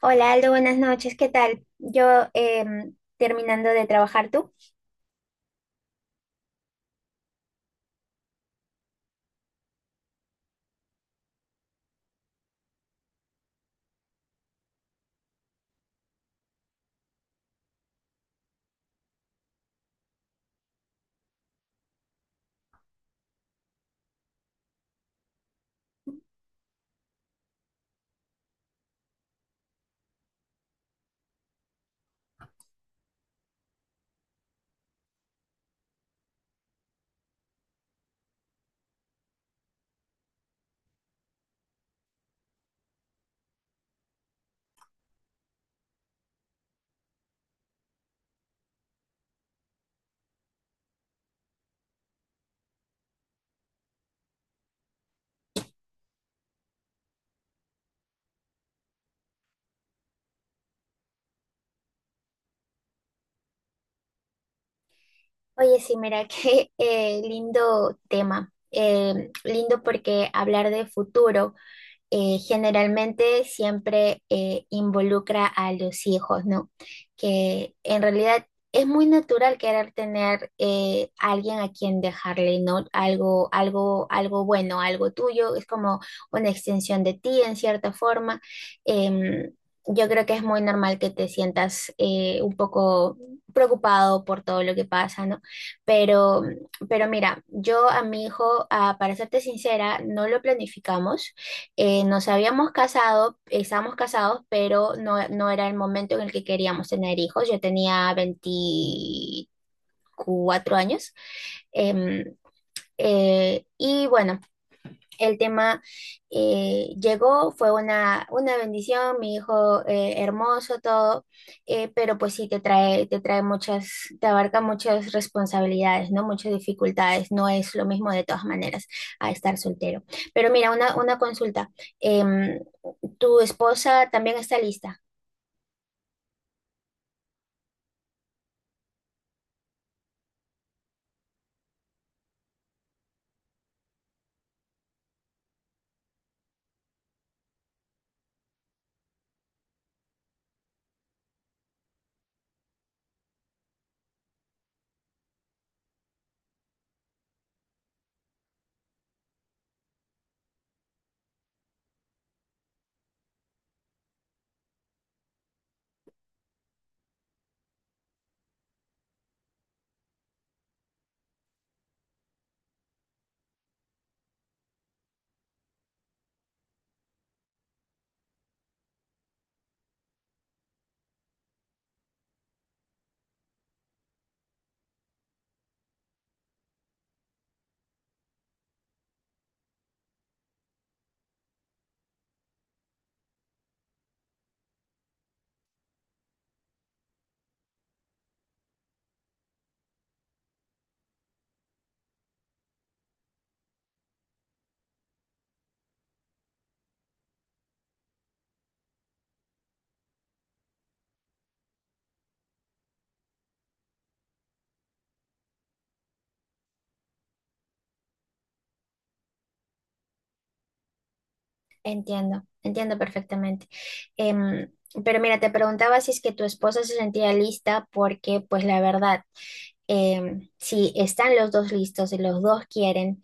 Hola Aldo, buenas noches, ¿qué tal? Yo terminando de trabajar tú. Oye, sí, mira, qué lindo tema. Lindo porque hablar de futuro. Generalmente siempre involucra a los hijos, ¿no? Que en realidad es muy natural querer tener alguien a quien dejarle, ¿no? Algo algo bueno, algo tuyo, es como una extensión de ti en cierta forma. Em, yo creo que es muy normal que te sientas un poco preocupado por todo lo que pasa, ¿no? Pero pero mira, yo a mi hijo, ah, para serte sincera, no lo planificamos, nos habíamos casado, estábamos casados, pero no, no era el momento en el que queríamos tener hijos. Yo tenía 24 años. em, y bueno, el tema llegó, fue una bendición, mi hijo hermoso, todo, pero pues sí te trae, te abarca muchas responsabilidades, ¿no? Muchas dificultades, no es lo mismo de todas maneras a estar soltero. Pero mira, una consulta, em, ¿tu esposa también está lista? Entiendo, entiendo perfectamente. Em, pero mira, te preguntaba si es que tu esposa se sentía lista porque, pues la verdad, si están los dos listos y los dos quieren,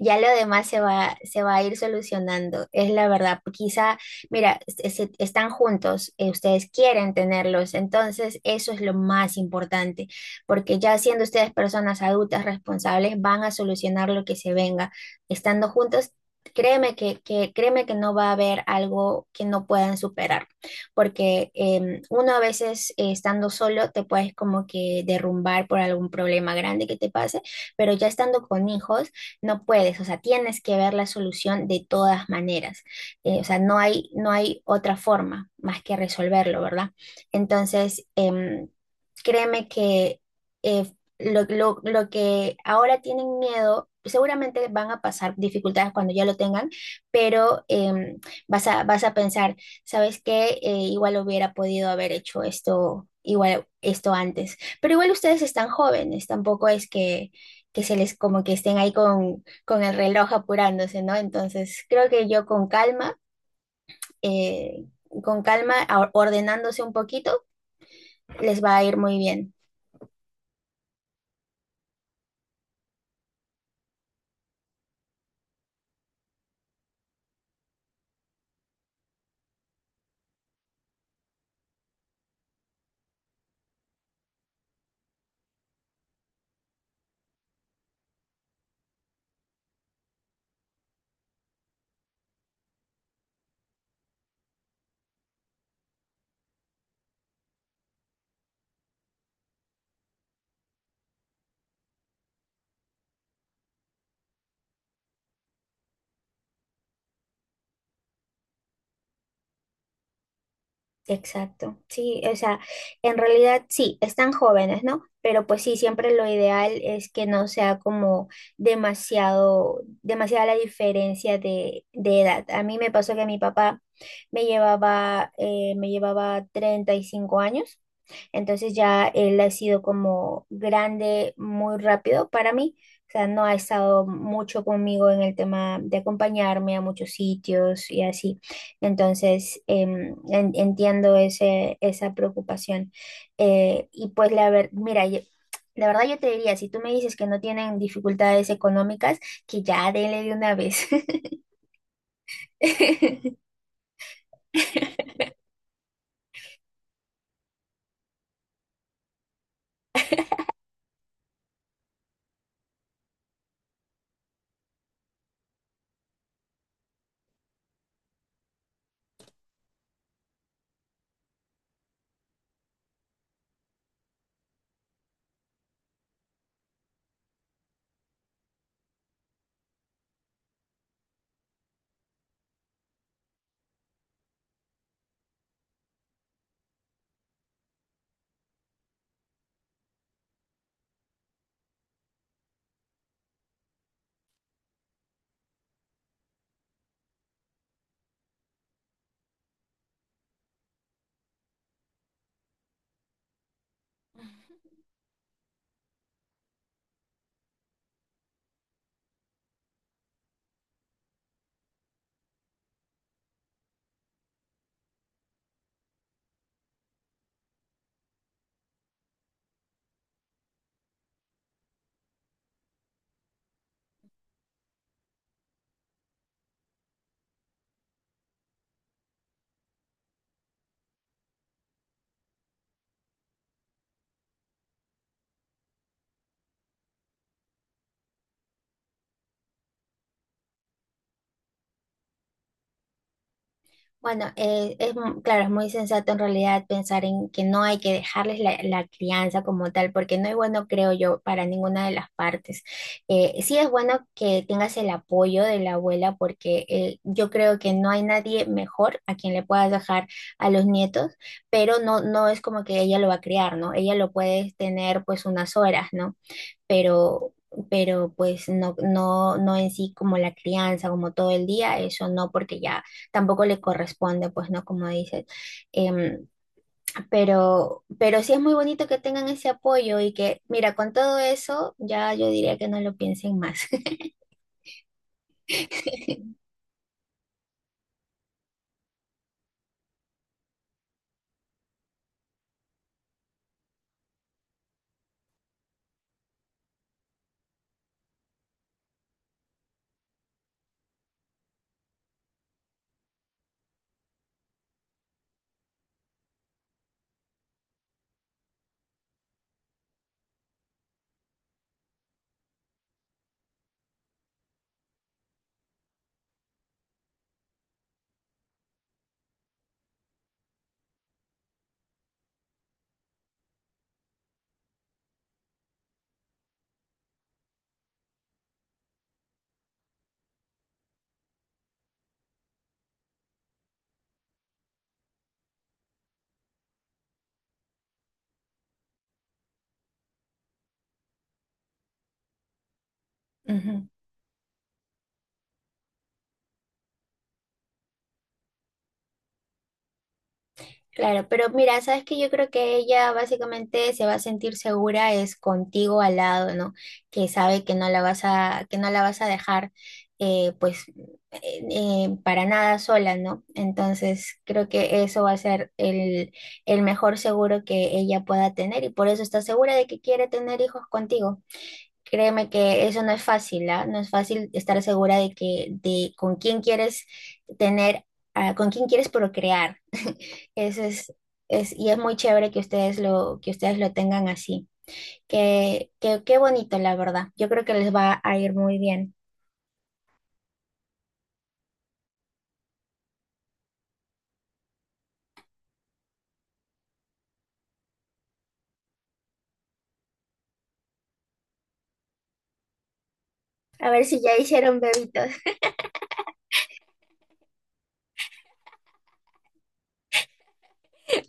ya lo demás se va a ir solucionando, es la verdad. Quizá, mira, están juntos, ustedes quieren tenerlos, entonces eso es lo más importante, porque ya siendo ustedes personas adultas responsables, van a solucionar lo que se venga. Estando juntos, créeme créeme que no va a haber algo que no puedan superar, porque uno a veces estando solo te puedes como que derrumbar por algún problema grande que te pase, pero ya estando con hijos, no puedes, o sea, tienes que ver la solución de todas maneras. O sea, no hay, no hay otra forma más que resolverlo, ¿verdad? Entonces, créeme que eh, lo que ahora tienen miedo, seguramente van a pasar dificultades cuando ya lo tengan, pero vas a pensar, ¿sabes qué? Igual hubiera podido haber hecho esto, igual esto antes. Pero igual ustedes están jóvenes, tampoco es que se les como que estén ahí con el reloj apurándose, ¿no? Entonces, creo que yo eh, con calma, ordenándose un poquito, les va a ir muy bien. Exacto, sí, o sea, en realidad sí, están jóvenes, ¿no? Pero pues sí, siempre lo ideal es que no sea como demasiado, demasiada la diferencia de edad. A mí me pasó que mi papá me llevaba 35 años, entonces ya él ha sido como grande muy rápido para mí. O sea, no ha estado mucho conmigo en el tema de acompañarme a muchos sitios y así. Entonces, entiendo ese, esa preocupación. Y pues, mira, la verdad yo te diría, si tú me dices que no tienen dificultades económicas, que ya dele de una vez. Bueno, claro, es muy sensato en realidad pensar en que no hay que dejarles la crianza como tal, porque no es bueno, creo yo, para ninguna de las partes. Sí es bueno que tengas el apoyo de la abuela, porque yo creo que no hay nadie mejor a quien le puedas dejar a los nietos, pero no, no es como que ella lo va a criar, ¿no? Ella lo puede tener pues unas horas, ¿no? pero, pero pues no, no, no en sí como la crianza, como todo el día, eso no, porque ya tampoco le corresponde, pues no, como dices. Em, pero sí es muy bonito que tengan ese apoyo y que, mira, con todo eso, ya yo diría que no lo piensen más. Ujú. Claro, pero mira, sabes que yo creo que ella básicamente se va a sentir segura es contigo al lado, ¿no? Que sabe que no la vas a, que no la vas a dejar, eh, pues, eh, para nada sola, ¿no? Entonces creo que eso va a ser el mejor seguro que ella pueda tener y por eso está segura de que quiere tener hijos contigo. Créeme que eso no es fácil, ¿ah? No es fácil estar segura de que, de con quién quieres tener, ah, con quién quieres procrear. Ese y es muy chévere que que ustedes lo tengan así. Qué bonito, la verdad. Yo creo que les va a ir muy bien. A ver si ya hicieron bebitos.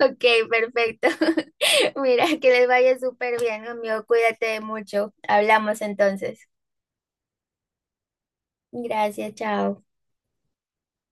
Ok, perfecto. Mira, que les vaya súper bien, amigo. Cuídate mucho. Hablamos entonces. Gracias, chao.